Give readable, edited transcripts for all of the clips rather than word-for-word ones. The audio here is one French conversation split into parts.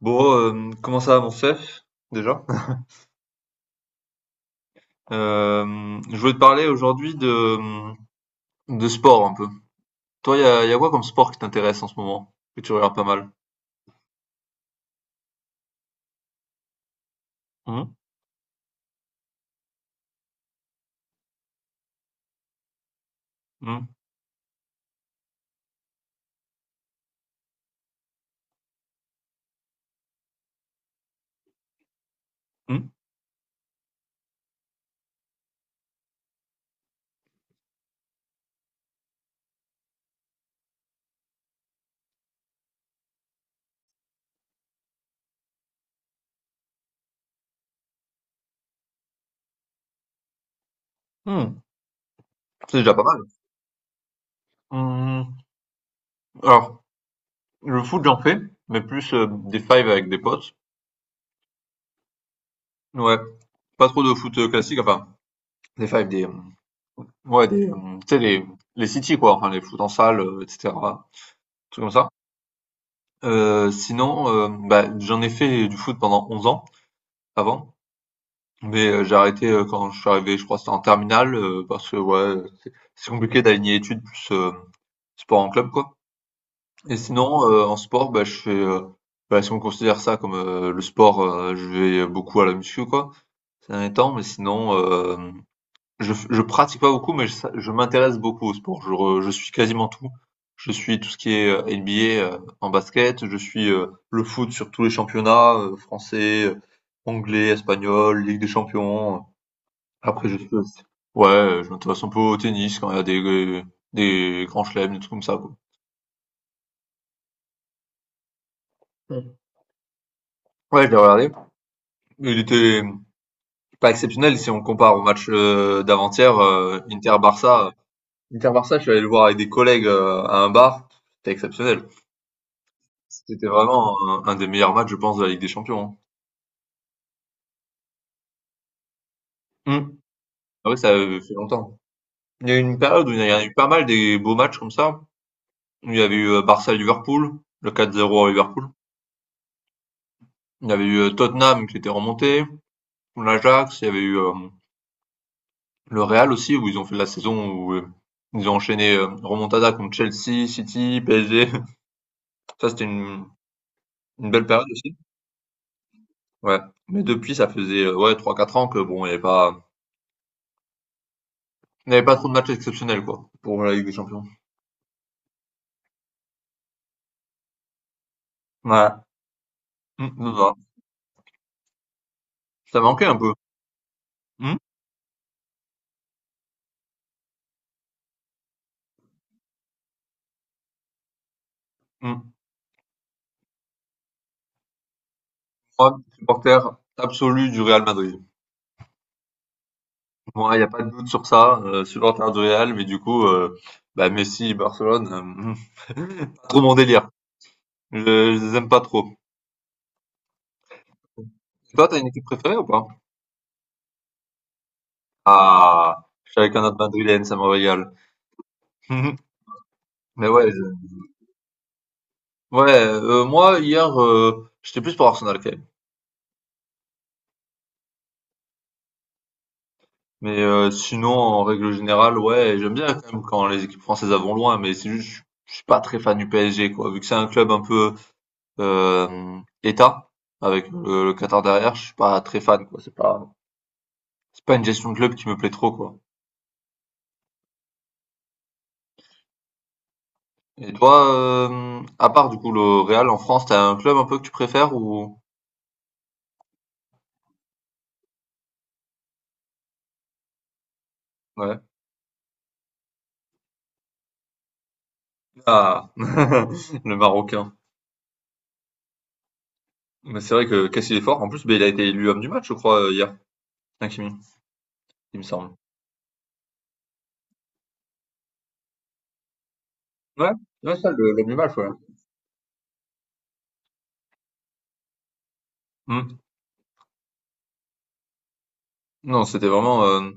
Bon, comment ça va mon chef, déjà? Je voulais te parler aujourd'hui de sport un peu. Toi, y a quoi comme sport qui t'intéresse en ce moment? Que tu regardes pas mal? Hum, hum, hum, hum. C'est déjà pas mal. Hum. Alors, le foot, j'en fais, mais plus des fives avec des potes. Ouais, pas trop de foot classique, enfin, des fives, des... Ouais, des... Tu sais, les city, quoi, enfin, les foot en salle, etc. Trucs comme ça. Bah, j'en ai fait du foot pendant 11 ans, avant. Mais, j'ai arrêté, quand je suis arrivé, je crois que c'était en terminale, parce que ouais, c'est compliqué d'aligner études plus, sport en club, quoi. Et sinon, en sport, bah, je fais, bah, si on considère ça comme, le sport, je vais beaucoup à la muscu, quoi, ces derniers temps. Mais sinon, hem, je pratique pas beaucoup, mais je m'intéresse beaucoup au sport. Je suis quasiment tout. Je suis tout ce qui est, NBA, en basket, je suis, le foot sur tous les championnats, français, anglais, espagnol, Ligue des champions, après je suis aussi ouais, je m'intéresse un peu au tennis quand il y a des grands chelems, des trucs comme ça quoi. Mmh. Ouais, je l'ai regardé. Il était pas exceptionnel si on compare au match, d'avant-hier, Inter-Barça. Inter-Barça, je suis allé le voir avec des collègues, à un bar, c'était exceptionnel. C'était vraiment un des meilleurs matchs je pense de la Ligue des Champions, hein. Mmh. Ah oui, ça, fait longtemps. Il y a eu une période où il y a eu pas mal des beaux matchs comme ça. Il y avait eu, Barça-Liverpool, le 4-0 à Liverpool. Il y avait eu, Tottenham qui était remonté. L'Ajax, il y avait eu le Real aussi, où ils ont fait la saison où ils ont enchaîné remontada contre Chelsea, City, PSG. Ça, une belle période aussi. Ouais. Mais depuis, ça faisait ouais, trois quatre ans que bon, il n'y avait pas trop de matchs exceptionnels, quoi, pour la Ligue des Champions. Ouais. Non, non. Ça manquait un peu. Mm, mm. Moi, supporter absolu du Real Madrid. Moi, il n'y a pas de doute sur ça, supporter du Real, mais du coup, bah, Messi, Barcelone, pas trop mon délire. Je les aime pas trop. Et toi, t'as une équipe préférée ou pas? Ah, je suis avec un autre Madrilène, ça me régale. Mais ouais, ouais. Moi, hier, j'étais plus pour Arsenal quand même. Mais sinon, en règle générale, ouais, j'aime bien quand même quand les équipes françaises vont loin. Mais c'est juste, je suis pas très fan du PSG, quoi. Vu que c'est un club un peu État avec le Qatar derrière, je suis pas très fan, quoi. C'est pas une gestion de club qui me plaît trop, quoi. Et toi, à part du coup le Real en France, t'as un club un peu que tu préfères ou? Ouais. Ah, le Marocain. Mais c'est vrai que Cassil est fort. En plus, ben, il a été élu homme du match, je crois, hier. Hakimi, il me semble. Ouais, ouais ça, l'homme du match, ouais. Hmm. Non, c'était vraiment.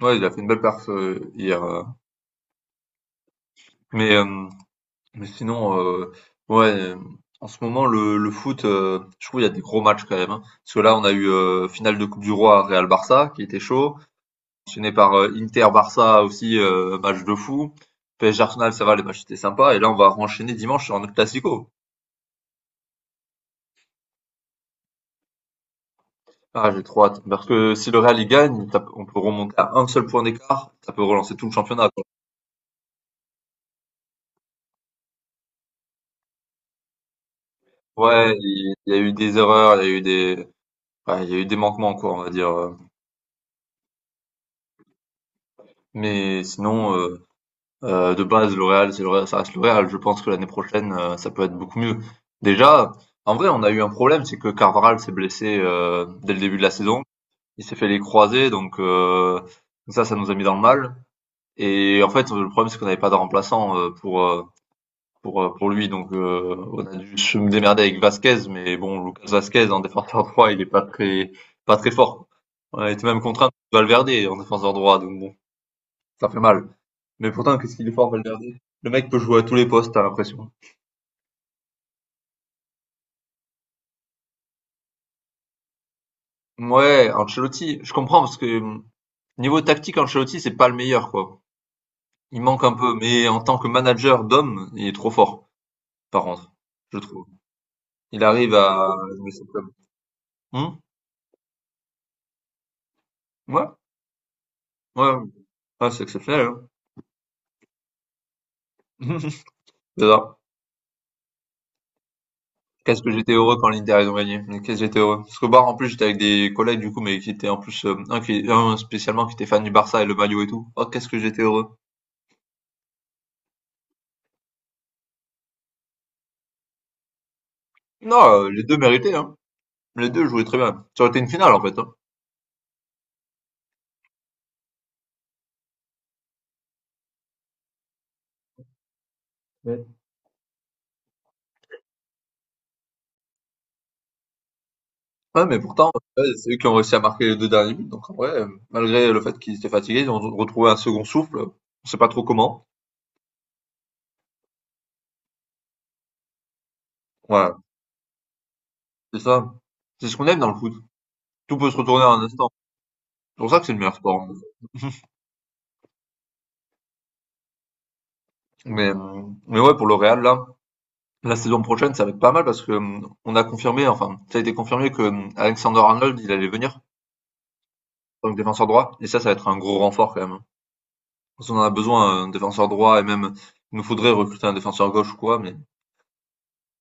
Ouais, il a fait une belle perf hier. Mais, euh, mais sinon, euh, ouais, euh, En ce moment, le foot, je trouve qu'il y a des gros matchs quand même. Hein. Parce que là, on a eu finale de Coupe du Roi Real-Barça, qui était chaud. Enchaîné par Inter-Barça aussi, match de fou. PSG Arsenal, ça va, les matchs étaient sympas. Et là, on va enchaîner dimanche sur un autre Classico. Ah, j'ai trop hâte. Parce que si le Real il gagne, on peut remonter à un seul point d'écart, ça peut relancer tout le championnat, quoi. Ouais, il y a eu des erreurs, il y a eu des, ouais, il y a eu des manquements, quoi, on va dire. Mais sinon, euh, de base, le Real, c'est le Real, ça reste le Real. Je pense que l'année prochaine, ça peut être beaucoup mieux. Déjà, en vrai, on a eu un problème, c'est que Carvajal s'est blessé dès le début de la saison. Il s'est fait les croisés, donc ça nous a mis dans le mal. Et en fait, le problème, c'est qu'on n'avait pas de remplaçant pour lui. Donc, on a dû se démerder avec Vasquez, mais bon, Lucas Vasquez en défenseur droit, il est pas très, pas très fort. On a été même contraint de Valverde en défenseur droit, donc bon, ça fait mal. Mais pourtant, qu'est-ce qu'il est fort, Valverde? Le mec peut jouer à tous les postes, t'as l'impression. Ouais, Ancelotti, je comprends parce que niveau tactique, Ancelotti, c'est pas le meilleur, quoi. Il manque un peu, mais en tant que manager d'homme, il est trop fort, par contre, je trouve. Il arrive à jouer son club. Hum Ouais, ouais, Ah, c'est exceptionnel, hein. C'est ça. Qu'est-ce que j'étais heureux quand l'Inter ils ont gagné. Mais qu'est-ce que j'étais heureux. Parce qu'au bar, en plus, j'étais avec des collègues, du coup, mais qui étaient en plus, un spécialement qui était fan du Barça et le maillot et tout. Oh, qu'est-ce que j'étais heureux. Non, les deux méritaient, hein. Les deux jouaient très bien. Ça aurait été une finale, en fait, hein. Ouais. Ouais, mais pourtant, ouais, c'est eux qui ont réussi à marquer les deux derniers buts. Donc, en vrai, malgré le fait qu'ils étaient fatigués, ils ont retrouvé un second souffle. On sait pas trop comment. Ouais, c'est ça. C'est ce qu'on aime dans le foot. Tout peut se retourner en un instant. C'est pour ça que c'est le meilleur sport. Mais, euh, mais ouais, pour le Real, là, la saison prochaine, ça va être pas mal parce que, on a confirmé, enfin, ça a été confirmé que, Alexander-Arnold, il allait venir en tant que défenseur droit et ça va être un gros renfort quand même, hein. Parce qu'on en a besoin, un défenseur droit et même il nous faudrait recruter un défenseur gauche ou quoi, mais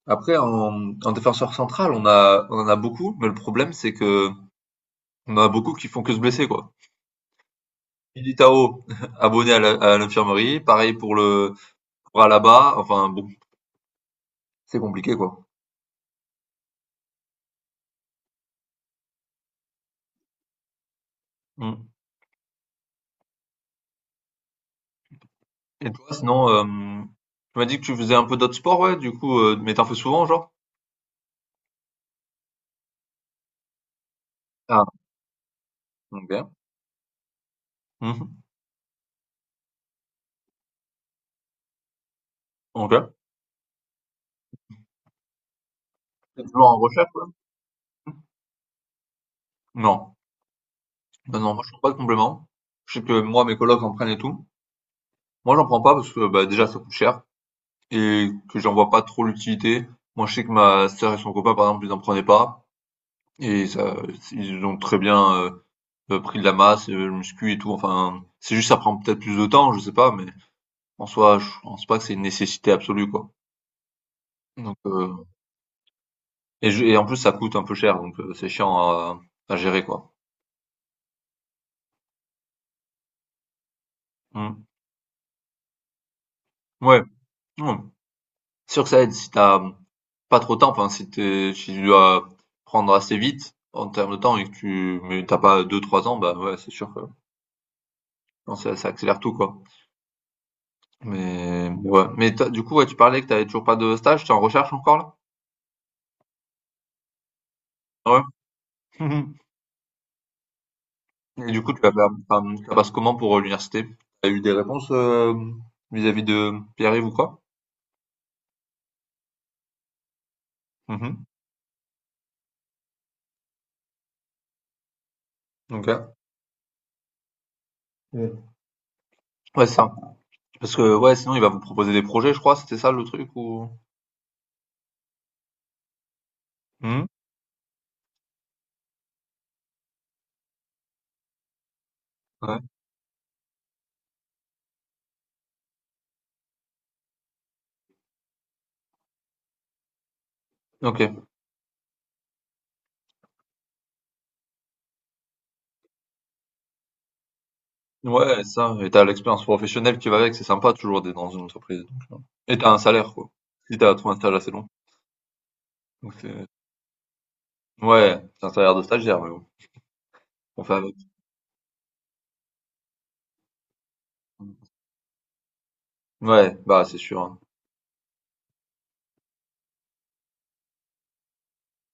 après en défenseur central, on en a beaucoup, mais le problème, c'est que on en a beaucoup qui font que se blesser, quoi. Militao, abonné à l'infirmerie, pareil pour le pour Alaba, enfin bon, c'est compliqué, quoi. Mmh. Et toi, sinon, tu m'as dit que tu faisais un peu d'autres sports, ouais, du coup, mais t'en fais souvent, genre? Ah, ok. Mhm. Ok. T'es toujours en recherche, ouais? Non. Non, non, moi, je prends pas de compléments. Je sais que moi, mes colocs en prennent et tout. Moi, j'en prends pas parce que, bah, déjà, ça coûte cher et que j'en vois pas trop l'utilité. Moi, je sais que ma sœur et son copain, par exemple, ils en prenaient pas et ça, ils ont très bien pris de la masse, le muscu et tout. Enfin, c'est juste, ça prend peut-être plus de temps, je sais pas, mais en soi, je pense pas que c'est une nécessité absolue, quoi. Donc, et en plus, ça coûte un peu cher, donc c'est chiant à gérer, quoi. Mmh. Ouais, ouais. C'est sûr que ça aide si t'as pas trop de temps, enfin, si tu dois prendre assez vite en termes de temps et que tu mais tu pas deux trois ans, bah, ouais, c'est sûr que non, ça accélère tout, quoi. Mais ouais. Mais tu du coup, ouais, tu parlais que t'avais toujours pas de stage, t'es en recherche encore, là? Ouais. Mmh. Et du coup, tu vas faire, ça passe comment pour, l'université? T'as eu des réponses, vis-à-vis de Pierre-Yves ou quoi? Mmh mh. OK. Mmh. Ouais, c'est ça. Parce que ouais, sinon il va vous proposer des projets, je crois, c'était ça le truc ou? Hmm. Ouais. OK. Ouais, ça, et t'as l'expérience professionnelle qui va avec, c'est sympa toujours d'être dans une entreprise donc, et t'as un salaire quoi. Si t'as as trouvé un stage assez long. Donc c'est ouais, c'est un salaire de stagiaire mais bon, on fait avec. Ouais, bah, c'est sûr, hein.